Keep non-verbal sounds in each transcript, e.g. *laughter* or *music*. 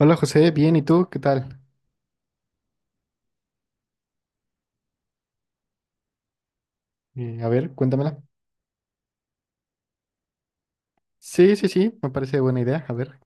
Hola José, bien, ¿y tú? ¿Qué tal? A ver, cuéntamela. Sí, sí, sí, me parece buena idea. A ver,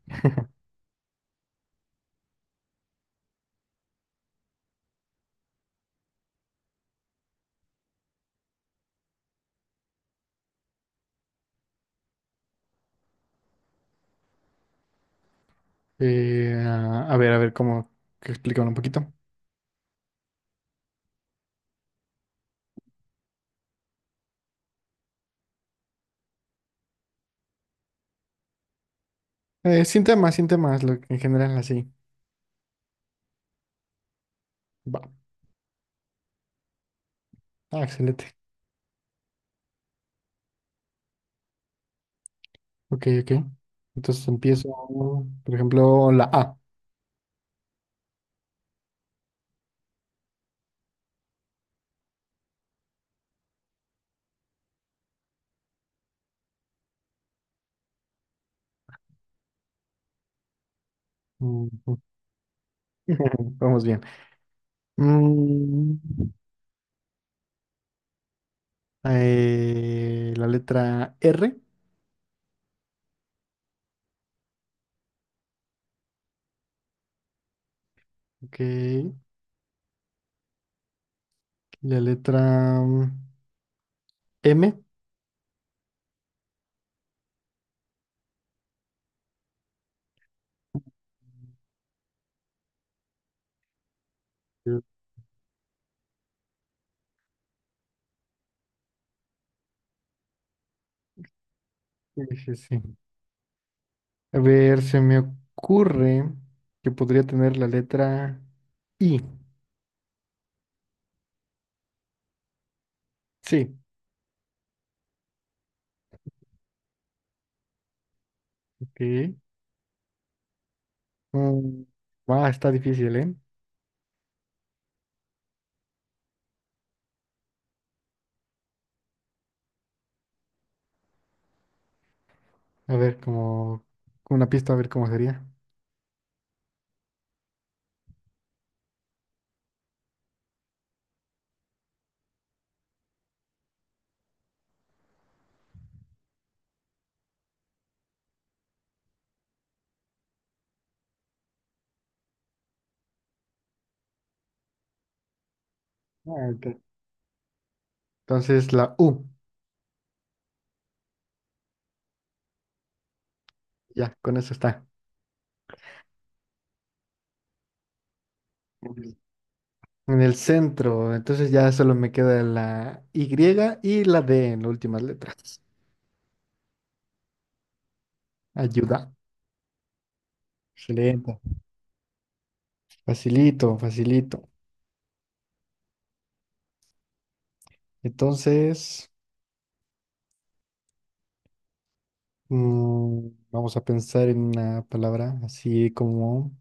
a ver, a ver cómo que explican un poquito. Sin temas, sin temas, en general así. Va. Ah, excelente. Ok, ok. Entonces empiezo, por ejemplo, la A. Mm. *laughs* Vamos bien. Mm, la letra R. Ok. La letra M. Sí, sí, sí. A ver, se me ocurre que podría tener la letra I. Sí, ok. Mm, ah, está difícil, ¿eh? A ver, como una pista, a ver cómo sería. Ah, ok. Entonces la U, ya, con eso está. Ok. En el centro, entonces ya solo me queda la Y y la D en las últimas letras. Ayuda. Excelente. Facilito, facilito. Entonces. Vamos a pensar en una palabra así como.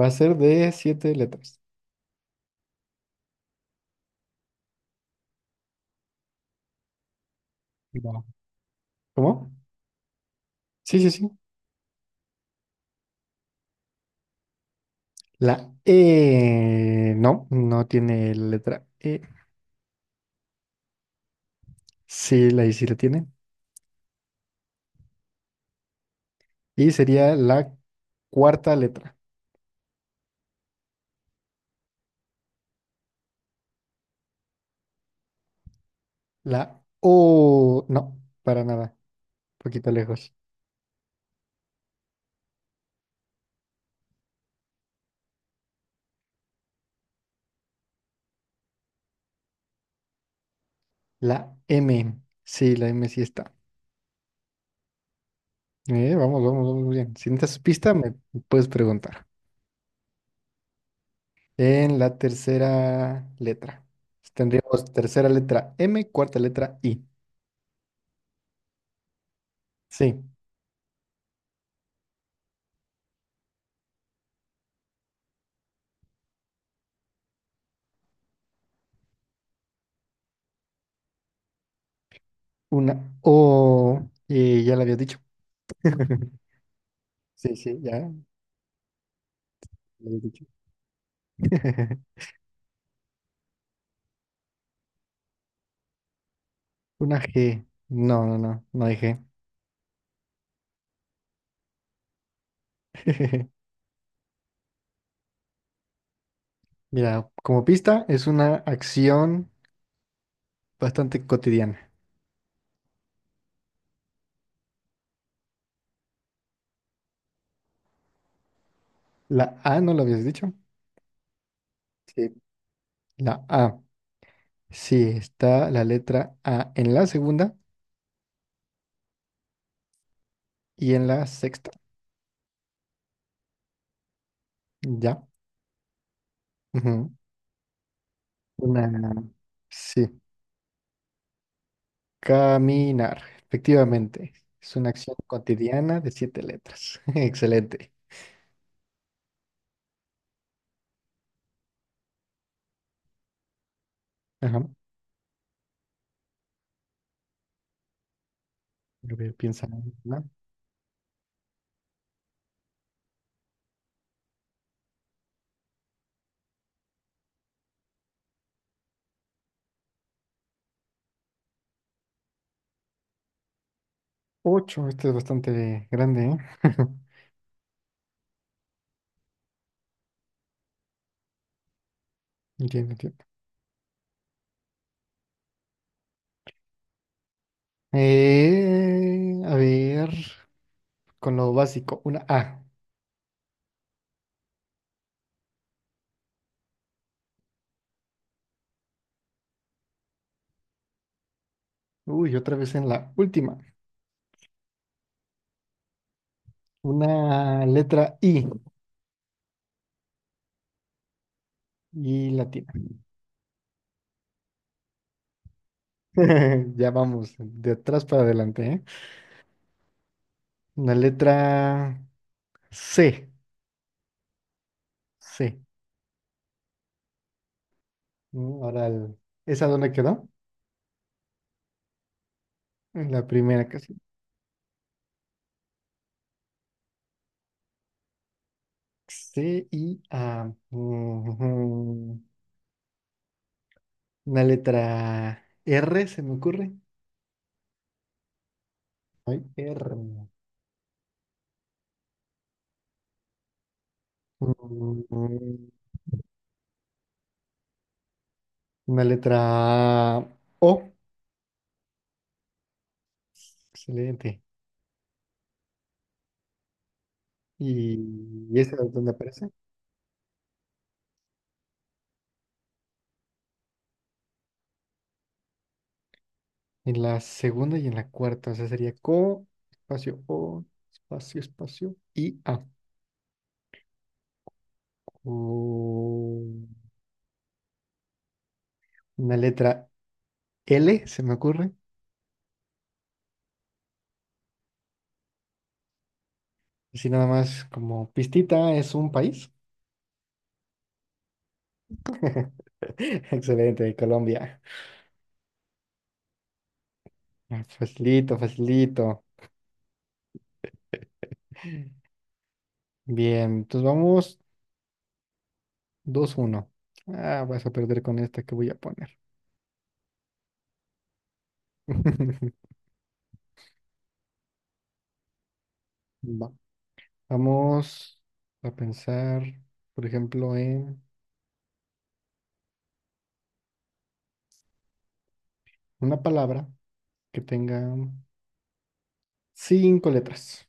Va a ser de siete letras. Va. ¿Cómo? Sí, sí, sí. La E. No, no tiene letra E. Sí, la I sí la tiene. Y sería la cuarta letra. La O. No, para nada. Poquito lejos. La M. Sí, la M sí está. Vamos, vamos, vamos bien. Si necesitas pista, me puedes preguntar. En la tercera letra. Tendríamos tercera letra M, cuarta letra I. Sí, una O. Ya la había dicho. *laughs* Sí, sí, ya la había dicho. *laughs* Una G. No, no, no, no hay G. *laughs* Mira, como pista es una acción bastante cotidiana. La A, ¿no lo habías dicho? Sí. La A. Sí, está la letra A en la segunda y en la sexta. Ya. Ujú. Una. Sí. Caminar, efectivamente. Es una acción cotidiana de siete letras. *laughs* Excelente. Ajá. A ver, piensa en una. Ocho, este es bastante grande, ¿eh? *laughs* Entiendo, entiendo. A ver, con lo básico, una A. Uy, otra vez en la última. Una letra I i latina. *laughs* Ya vamos, de atrás para adelante, ¿eh? Una letra C. C. Ahora, ¿esa dónde quedó? La primera casi. C y A. Ujú. Una letra R se me ocurre. Ay, R. Ujú. Una letra O. Excelente. ¿Y esa dónde aparece? En la segunda y en la cuarta. O sea, sería co, espacio O, espacio, espacio y A. O- Una letra L se me ocurre. Así nada más como pistita es un país. *laughs* Excelente, de Colombia. Ah, facilito, facilito. Bien, entonces vamos 2-1. Ah, vas a perder con esta que voy a poner. *laughs* Va- Vamos a pensar, por ejemplo, en una palabra que tenga cinco letras.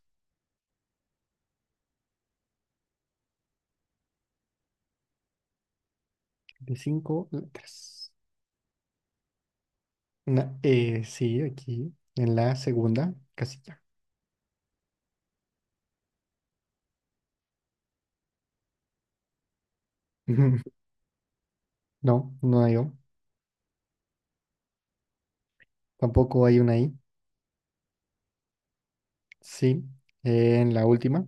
De cinco letras. Una E, sí, aquí, en la segunda casilla. *laughs* No, no hay O. Tampoco hay una I. Sí, en la última.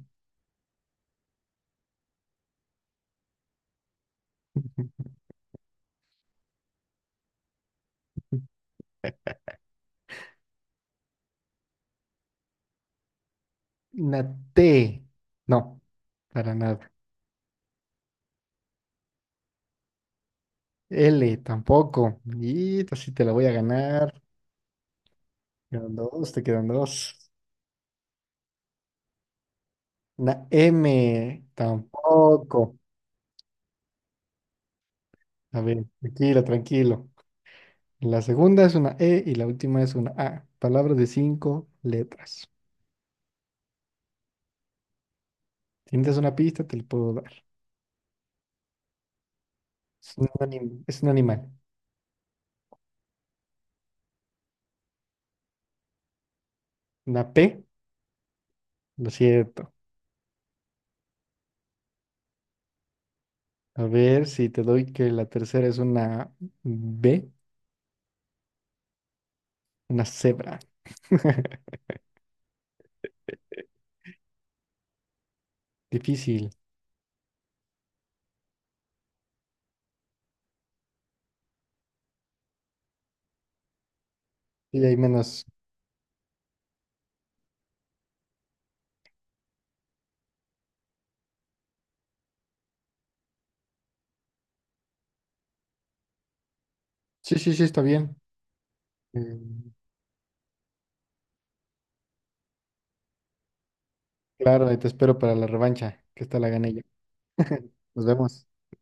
*laughs* Una T. No, para nada. L tampoco. Y esta sí te la voy a ganar. Quedan dos, te quedan dos. Una M tampoco. A ver, tranquilo, tranquilo. La segunda es una E y la última es una A. Palabras de cinco letras. Si necesitas una pista, te la puedo dar. Es un animal. Una P, lo siento. A ver si te doy que la tercera es una B. Una cebra. *laughs* Difícil. Y hay menos. Sí, sí, sí, está bien. Eh, claro, ahí te espero para la revancha, que esta la gané yo. Nos vemos.